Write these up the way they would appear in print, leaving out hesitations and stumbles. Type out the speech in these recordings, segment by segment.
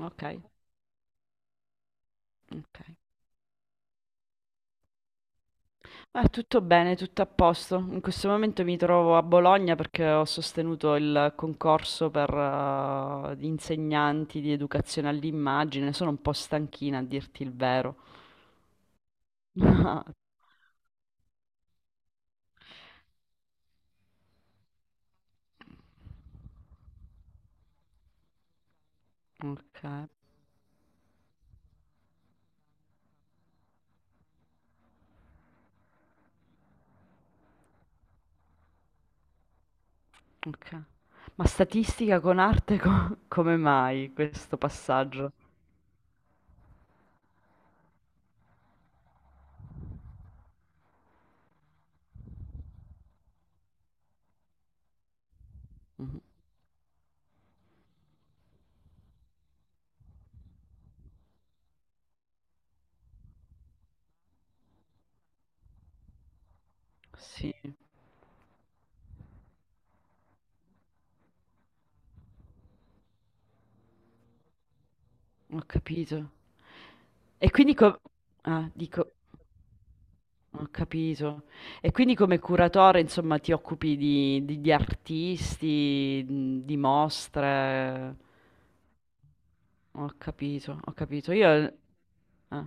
Okay, okay. Tutto bene, tutto a posto. In questo momento mi trovo a Bologna perché ho sostenuto il concorso per gli insegnanti di educazione all'immagine. Sono un po' stanchina a dirti il vero. Ok, ok. Ma statistica con arte come mai questo passaggio? Mhm. Sì, ho capito. E quindi co- ah, dico, Ho capito. E quindi come curatore, insomma, ti occupi di artisti, mhmm, di mostre. Ho capito, ho capito. Io ah.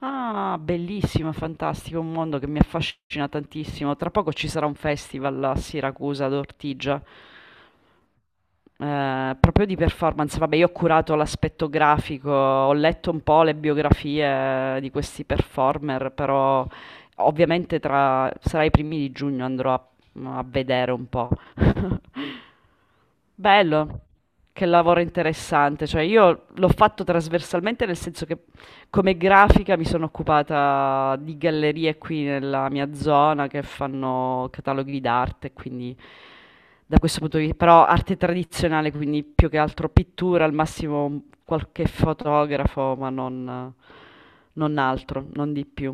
Ah, bellissimo, fantastico, un mondo che mi affascina tantissimo. Tra poco ci sarà un festival a Siracusa ad Ortigia. Proprio di performance, vabbè, io ho curato l'aspetto grafico, ho letto un po' le biografie di questi performer, però ovviamente tra sarà i primi di giugno andrò a, a vedere un po'. Bello, che lavoro interessante, cioè io l'ho fatto trasversalmente nel senso che come grafica mi sono occupata di gallerie qui nella mia zona che fanno cataloghi d'arte, quindi da questo punto di vi però arte tradizionale, quindi più che altro pittura, al massimo un qualche fotografo, ma non non altro, non di più.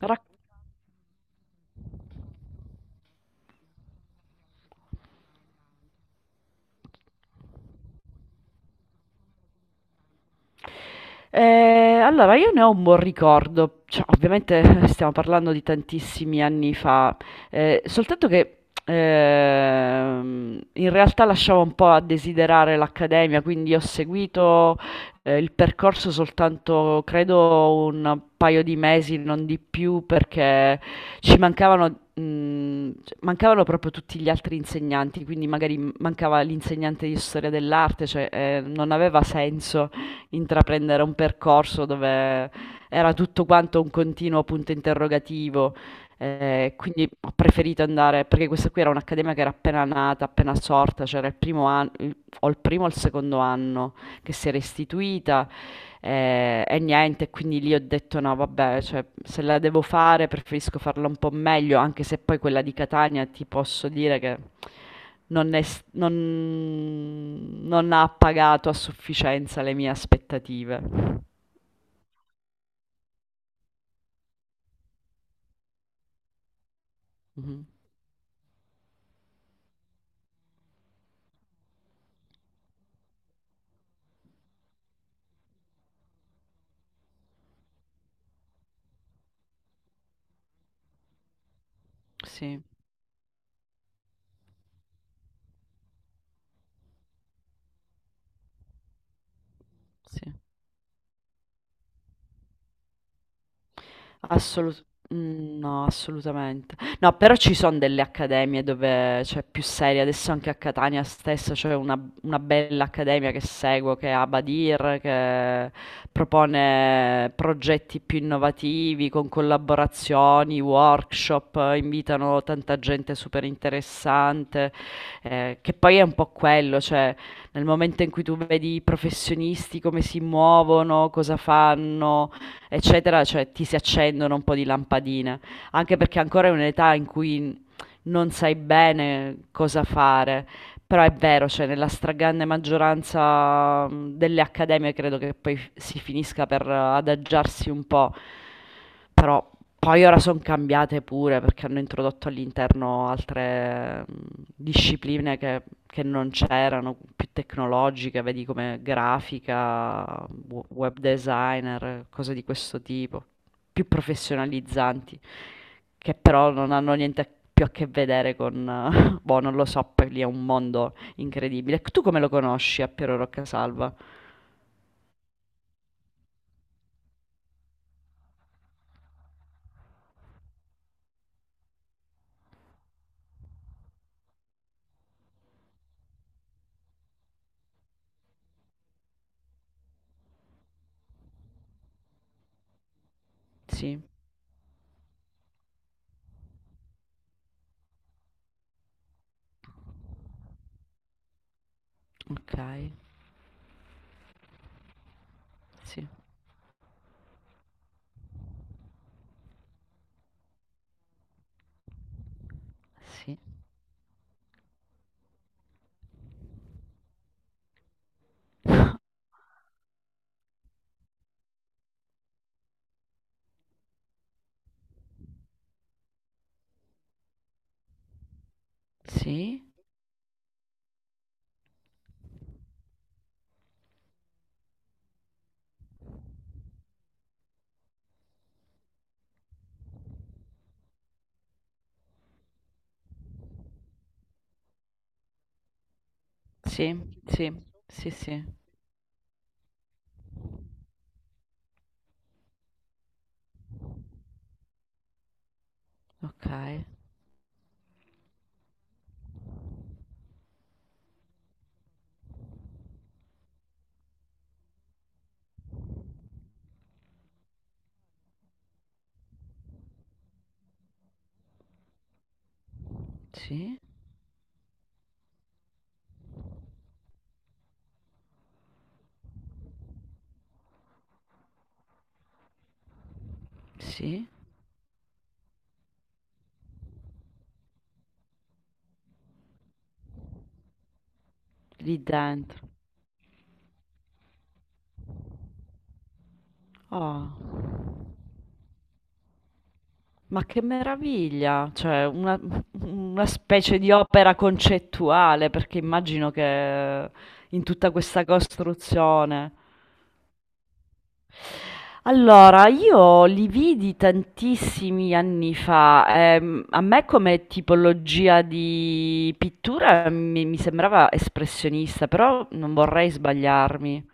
Rac allora io ne ho un buon ricordo, cioè ovviamente stiamo parlando di tantissimi anni fa, soltanto che, in realtà lasciava un po' a desiderare l'accademia, quindi ho seguito, il percorso soltanto credo un paio di mesi, non di più, perché ci mancavano mhmm, cioè mancavano proprio tutti gli altri insegnanti, quindi magari mancava l'insegnante di storia dell'arte, cioè, non aveva senso intraprendere un percorso dove era tutto quanto un continuo punto interrogativo. Quindi ho preferito andare perché questa qui era un'accademia che era appena nata, appena sorta, c'era il primo an il o il primo o il secondo anno che si era istituita, e niente, quindi lì ho detto: "No vabbè, cioè se la devo fare preferisco farla un po' meglio", anche se poi quella di Catania ti posso dire che non è s non non ha pagato a sufficienza le mie aspettative. Mh-mh. Sì, sì. Assolut- mm, no, assolutamente. No, però ci sono delle accademie dove c'è più seria. Adesso anche a Catania stessa c'è una bella accademia che seguo, che è Abadir, che propone progetti più innovativi con collaborazioni, workshop, invitano tanta gente super interessante, che poi è un po' quello, cioè nel momento in cui tu vedi i professionisti come si muovono, cosa fanno eccetera, cioè ti si accendono un po' di lampadine, anche perché ancora è un'età in cui non sai bene cosa fare. Però è vero, cioè nella stragrande maggioranza delle accademie credo che poi si finisca per adagiarsi un po', però poi ora sono cambiate pure perché hanno introdotto all'interno altre discipline che non c'erano, più tecnologiche, vedi come grafica, web designer, cose di questo tipo, più professionalizzanti. Che però non hanno niente più a che vedere con boh, non lo so, poi lì è un mondo incredibile. Tu come lo conosci a Piero Roccasalva? Sì, ok, sì, sì, sì, sì, sì, sì, sì, ok, sì, sì, lì dentro. Oh, ma che meraviglia! Cioè, una specie di opera concettuale, perché immagino che in tutta questa costruzione. Allora, io li vidi tantissimi anni fa, a me come tipologia di pittura mi sembrava espressionista, però non vorrei sbagliarmi.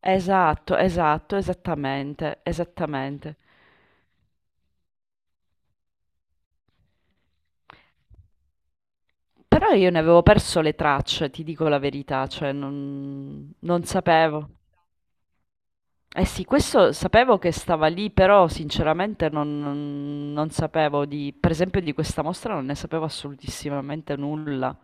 Esatto, esatto, esattamente, esattamente. Però io ne avevo perso le tracce, ti dico la verità, cioè non sapevo. Eh sì, questo sapevo che stava lì, però sinceramente non sapevo di, per esempio, di questa mostra non ne sapevo assolutissimamente nulla.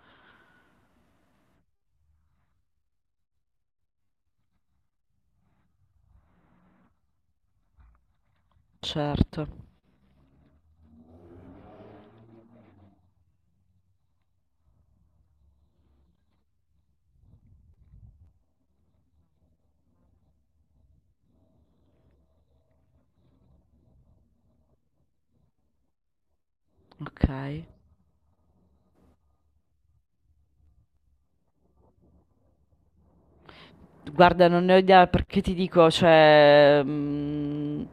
Certo, okay. Guarda, non ne ho idea perché ti dico, cioè, mhmm,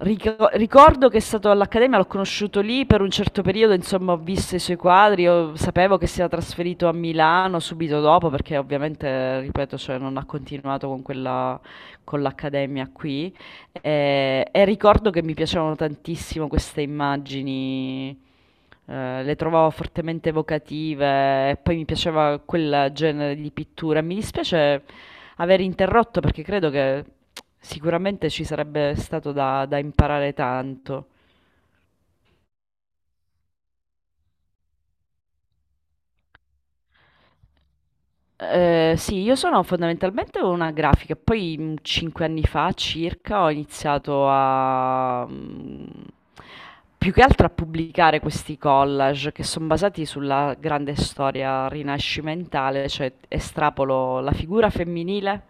ricordo che è stato all'Accademia, l'ho conosciuto lì per un certo periodo, insomma, ho visto i suoi quadri, ho sapevo che si era trasferito a Milano subito dopo perché ovviamente, ripeto, cioè, non ha continuato con quella con l'Accademia qui, e ricordo che mi piacevano tantissimo queste immagini. Le trovavo fortemente evocative e poi mi piaceva quel genere di pittura. Mi dispiace aver interrotto perché credo che sicuramente ci sarebbe stato da imparare tanto. Sì, io sono fondamentalmente una grafica, poi 5 anni fa circa ho iniziato a più che altro a pubblicare questi collage che sono basati sulla grande storia rinascimentale, cioè estrapolo la figura femminile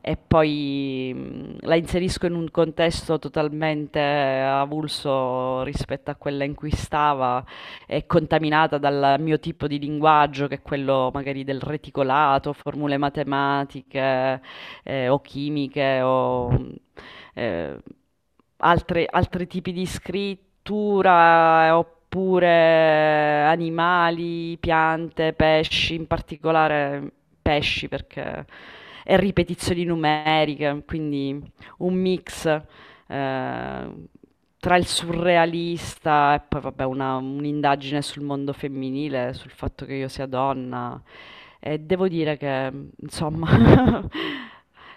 e poi la inserisco in un contesto totalmente avulso rispetto a quella in cui stava, è contaminata dal mio tipo di linguaggio, che è quello magari del reticolato, formule matematiche, o chimiche o, mhmm, ehm, altre altri tipi di scrittura, oppure animali, piante, pesci, in particolare pesci perché e ripetizioni numeriche, quindi un mix ehm, tra il surrealista e poi vabbè una un'indagine sul mondo femminile, sul fatto che io sia donna. E devo dire che, insomma,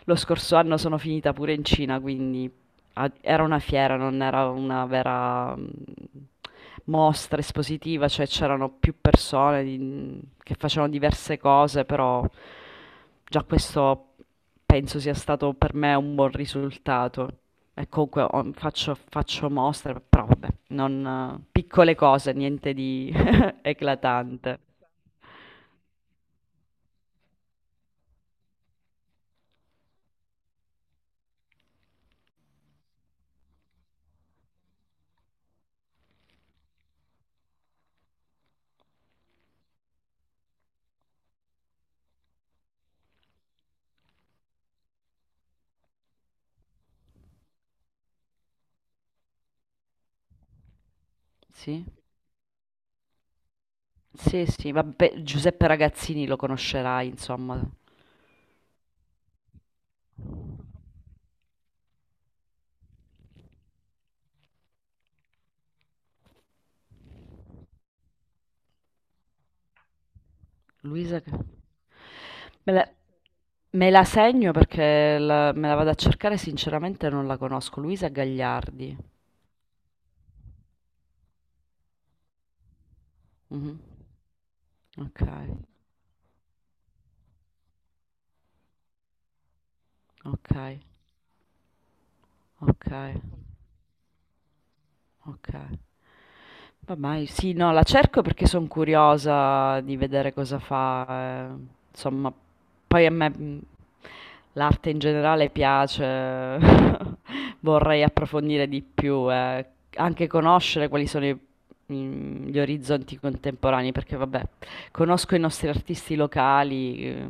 lo scorso anno sono finita pure in Cina, quindi era una fiera, non era una vera mm, mostra espositiva, cioè c'erano più persone che facevano diverse cose, però già questo penso sia stato per me un buon risultato. E comunque ho faccio mostre, però vabbè, non piccole cose, niente di eclatante. Sì, sì, sì, vabbè, Giuseppe Ragazzini lo conoscerai, insomma. Luisa che... Me la, me la segno perché me la vado a cercare, sinceramente non la conosco. Luisa Gagliardi. Mhm. Ok, ok, ok, ok. Vabbè, sì, no, la cerco perché sono curiosa di vedere cosa fa. Eh. Insomma, poi a me l'arte in generale piace, vorrei approfondire di più, eh. Anche conoscere quali sono gli orizzonti contemporanei, perché vabbè, conosco i nostri artisti locali,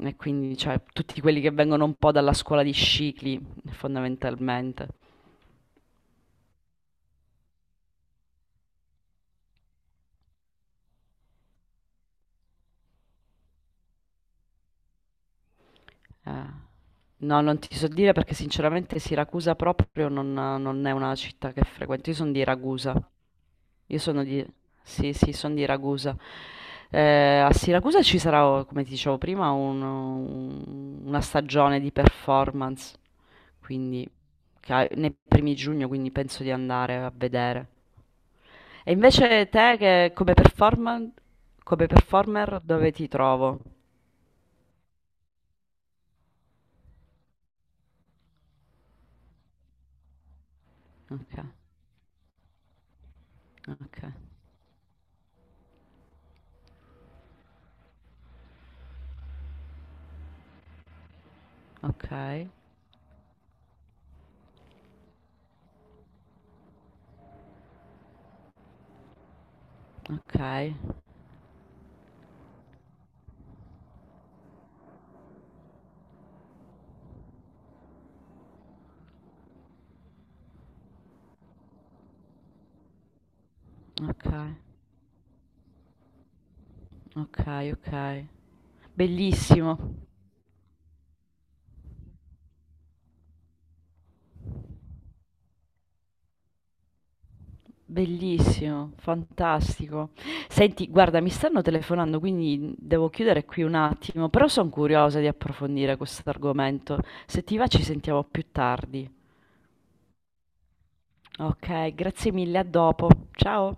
e quindi cioè, tutti quelli che vengono un po' dalla scuola di Scicli, fondamentalmente. Eh. No, non ti so dire perché sinceramente Siracusa proprio non è una città che frequento. Io sono di Ragusa. Io sono di... Sì, sì, sono di Ragusa. A Siracusa ci sarà, oh, come ti dicevo prima, una stagione di performance, quindi nei primi giugno, quindi penso di andare a vedere. E invece te che come come performer dove ti trovo? Ok, ok. Okay, okay, okay, okay, okay. Bellissimo, bellissimo, fantastico. Senti, guarda, mi stanno telefonando, quindi devo chiudere qui un attimo, però sono curiosa di approfondire questo argomento. Se ti va ci sentiamo più tardi. Ok, grazie mille, a dopo. Ciao.